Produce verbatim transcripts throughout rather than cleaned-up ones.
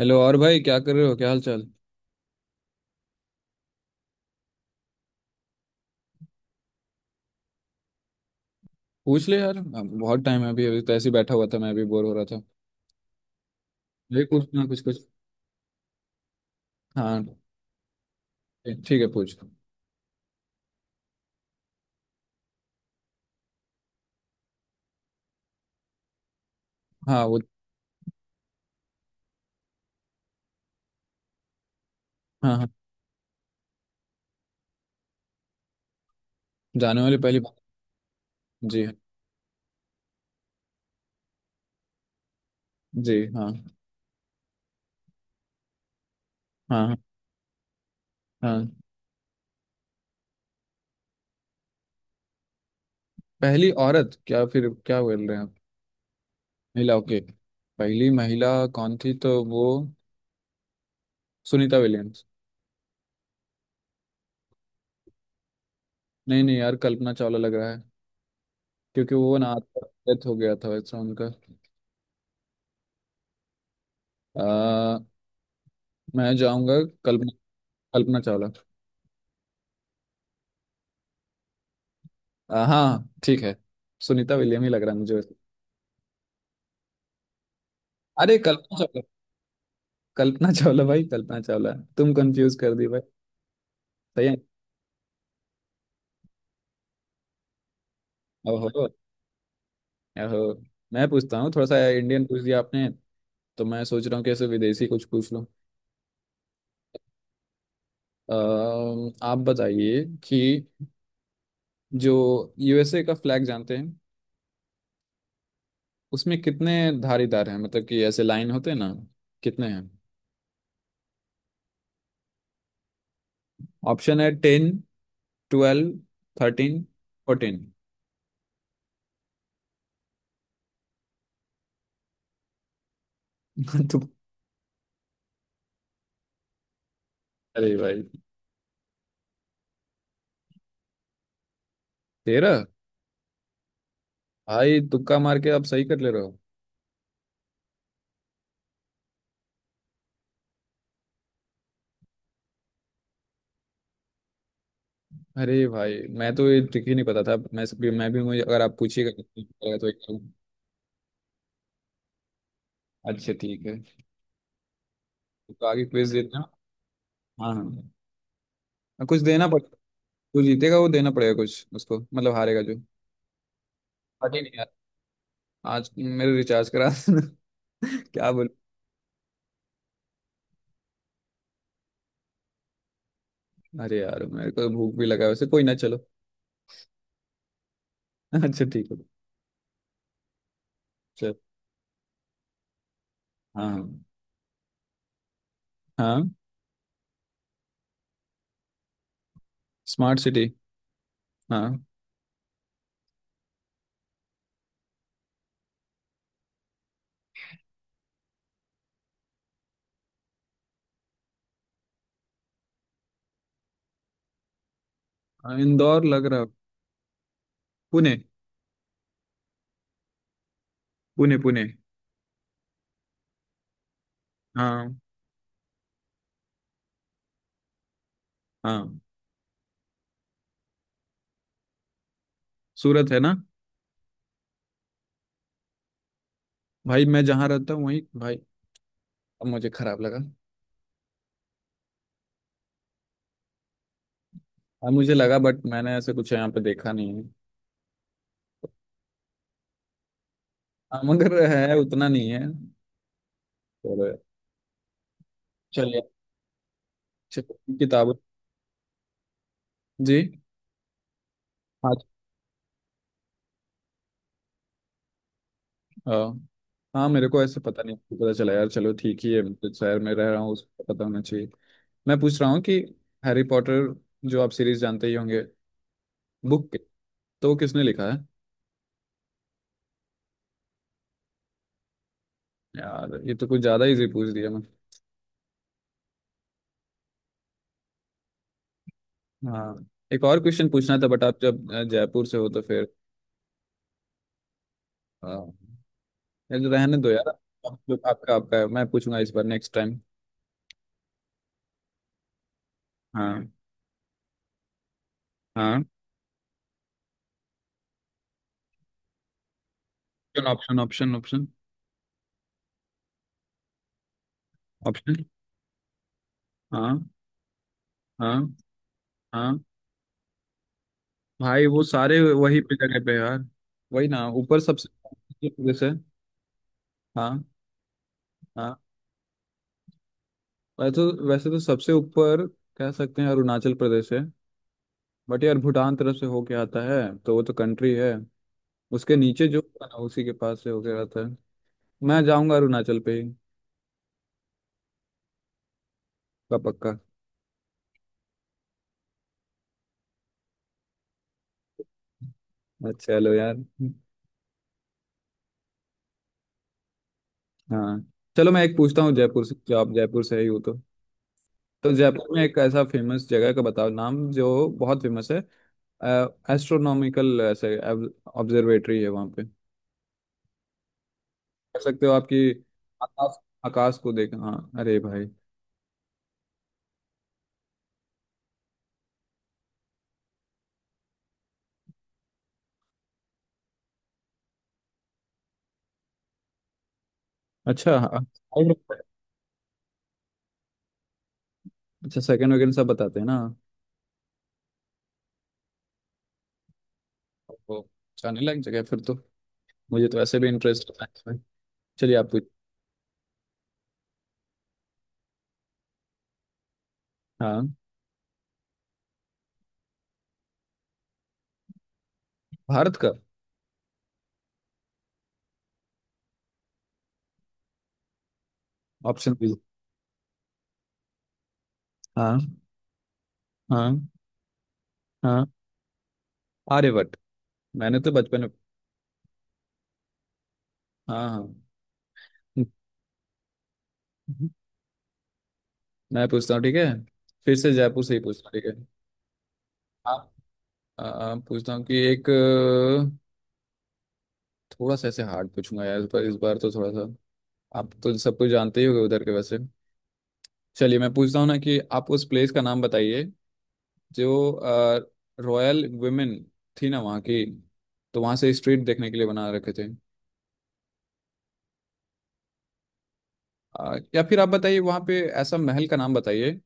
Hello और भाई, क्या कर रहे हो? क्या हाल चाल? पूछ ले यार, अब बहुत टाइम है। अभी अभी तो ऐसे ही बैठा हुआ था, मैं भी बोर हो रहा था। ये कुछ ना कुछ कुछ हाँ ठीक है, पूछ। हाँ वो। हाँ हाँ। जाने वाली पहली बात। जी। जी हाँ। हाँ। हाँ हाँ। पहली औरत? क्या फिर क्या बोल रहे हैं आप? महिला, ओके। पहली महिला कौन थी? तो वो सुनीता विलियम्स। नहीं नहीं यार, कल्पना चावला लग रहा है। क्योंकि वो ना डेथ हो गया था वैसा उनका। आ, मैं जाऊंगा कल्पना। कल्पना चावला। आ, हाँ ठीक है। सुनीता विलियम ही लग रहा है मुझे वैसे। अरे कल्पना चावला। कल्पना चावला भाई, कल्पना चावला। तुम कंफ्यूज कर दी भाई। सही है। ओहो। ओहो। मैं पूछता हूँ, थोड़ा सा इंडियन पूछ दिया आपने, तो मैं सोच रहा हूँ कैसे विदेशी कुछ पूछ लूँ। अम, आप बताइए कि जो यूएसए का फ्लैग जानते हैं, उसमें कितने धारीदार हैं? मतलब कि ऐसे लाइन होते हैं ना, कितने हैं? ऑप्शन है टेन, ट्वेल्व, थर्टीन, फोर्टीन। तो, अरे भाई, तेरह। भाई तुक्का मार के आप सही कर ले रहे हो। अरे भाई, मैं तो ये ट्रिक ही नहीं पता था। मैं भी मैं भी मुझे अगर आप पूछिएगा तो ठीक रहेगा, तो एक करूंगा। अच्छा ठीक है। तो आगे क्विज देना। हाँ हाँ, कुछ देना पड़ेगा। जो जीतेगा वो देना पड़ेगा कुछ उसको, मतलब हारेगा जो। अरे नहीं यार, आज मेरे रिचार्ज करा देना। क्या बोल। अरे यार मेरे को तो भूख भी लगा है वैसे, कोई ना, चलो। अच्छा ठीक है। चल। हाँ। हाँ, स्मार्ट सिटी। हाँ। हाँ, इंदौर लग रहा। पुणे। पुणे पुणे। हाँ। हाँ। सूरत है ना? भाई मैं जहाँ रहता हूँ वहीं भाई। अब मुझे खराब लगा। अब मुझे लगा, बट मैंने ऐसे कुछ यहाँ पे देखा नहीं है। हाँ, मगर है, उतना नहीं है। और, चलिए। चलिए, किताब। जी। हाँ। हाँ। हाँ, मेरे को ऐसे पता नहीं पता चला यार। चलो ठीक ही है, मैं जिस शहर में रह रहा हूँ उसको पता होना चाहिए। मैं पूछ रहा हूँ कि हैरी पॉटर, जो आप सीरीज जानते ही होंगे, बुक के, तो वो किसने लिखा है? यार ये तो कुछ ज्यादा इजी पूछ दिया मैं। हाँ। एक और क्वेश्चन पूछना था बट आप जब अ, जयपुर से हो तो फिर। हाँ। यार रहने दो यार, आप- आपका आपका है, मैं पूछूंगा इस बार नेक्स्ट टाइम। हाँ। हाँ। Option option option. ऑप्शन। हाँ। हाँ। हाँ। भाई वो सारे वही पे जगह पे यार। वही ना ऊपर सबसे। जैसे। हाँ। हाँ। वैसे तो, वैसे तो सबसे ऊपर कह सकते हैं, अरुणाचल प्रदेश है। बट यार भूटान तरफ से होके आता है, तो वो तो कंट्री है। उसके नीचे जो होता है ना, उसी के पास से होके आता है। मैं जाऊंगा अरुणाचल पे ही। पक्का पक्का। अच्छा, चलो यार। हाँ। चलो मैं एक पूछता हूँ जयपुर से। जो आप जयपुर से ही हो तो तो जयपुर में एक ऐसा फेमस जगह का बताओ नाम जो बहुत फेमस है। एस्ट्रोनॉमिकल ऐसे ऑब्जर्वेटरी है वहाँ पे, कह सकते हो आपकी। आकाश। आकाश को देख, हाँ, अरे भाई। अच्छा। हाँ, अच्छा सेकंड वगैरह सब बताते हैं ना? ओहो, अच्छा नहीं लग जगह है फिर तो। मुझे तो ऐसे भी इंटरेस्ट है science में। चलिए आप पूछ। हाँ। भारत का। ऑप्शन भी। हाँ। हाँ। हाँ। आर्यभट्ट। मैंने तो बचपन में। हाँ। हाँ। मैं पूछता हूँ, ठीक है? फिर से जयपुर से ही पूछता हूँ, ठीक है? आप, आ, पूछता हूँ कि एक अ, थोड़ा सा ऐसे हार्ड पूछूंगा यार, पर इस बार तो थोड़ा सा। आप तो सब कुछ जानते ही होगे उधर के वैसे। चलिए मैं पूछता हूँ ना कि आप उस प्लेस का नाम बताइए, जो रॉयल वुमेन थी ना वहाँ की, तो वहाँ से स्ट्रीट देखने के लिए बना रखे थे। अ, या फिर आप बताइए वहाँ पे ऐसा महल का नाम बताइए,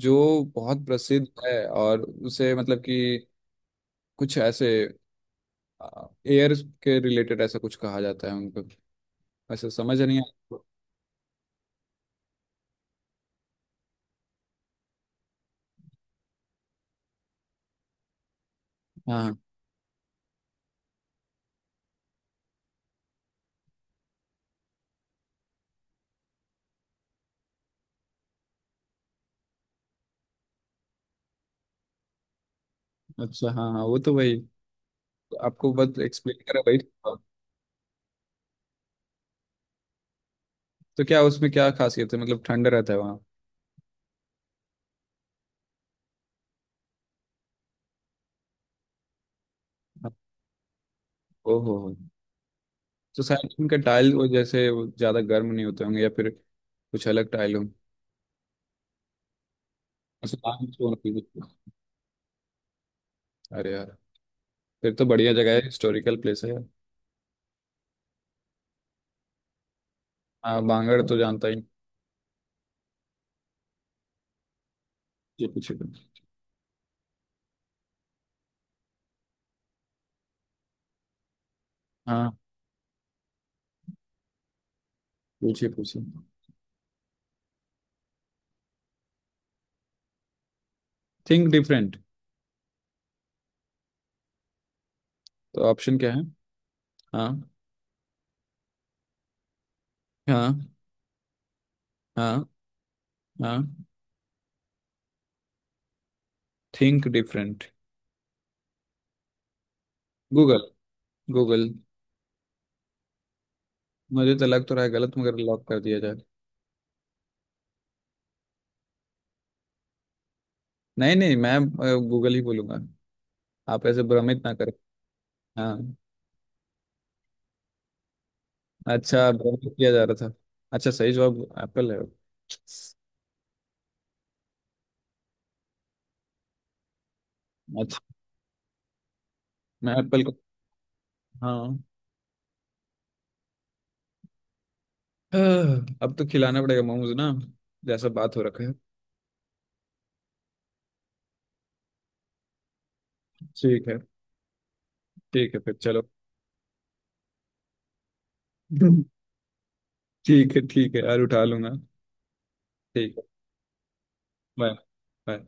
जो बहुत प्रसिद्ध है, और उसे मतलब कि कुछ ऐसे एयर के रिलेटेड ऐसा कुछ कहा जाता है उनको। ऐसा समझ नहीं आ। हाँ। अच्छा हाँ हाँ, वो तो वही। आपको बस एक्सप्लेन करा वही। तो क्या उसमें क्या खासियत है? मतलब ठंड रहता है वहाँ? ओहो हो। तो शायद उनका टाइल वो, जैसे वो ज्यादा गर्म नहीं होते होंगे, या फिर कुछ अलग टाइल हो। अच्छा, बांग तो होना चाहिए। अरे यार, फिर तो बढ़िया जगह है, हिस्टोरिकल प्लेस है यार। हाँ, बांगड़ तो जानता ही। ये पूछिए पूछिए। हाँ। पूछिए पूछिए। Think different. तो ऑप्शन क्या है? हाँ। हाँ। हाँ। हाँ। Think different. गूगल। गूगल। मुझे तो लग तो रहा है गलत, मगर लॉक कर दिया जाए। नहीं नहीं, मैं गूगल ही बोलूंगा। आप ऐसे भ्रमित ना करें। हाँ। अच्छा, भ्रमित किया जा रहा था। अच्छा, सही जवाब एप्पल है। अच्छा, मैं एप्पल को। हाँ। आह, अब तो खिलाना पड़ेगा मोमोज ना, जैसा बात हो रखा है। ठीक है। ठीक है फिर, चलो। ठीक है ठीक है यार, उठा लूंगा। ठीक है। बाय। बाय।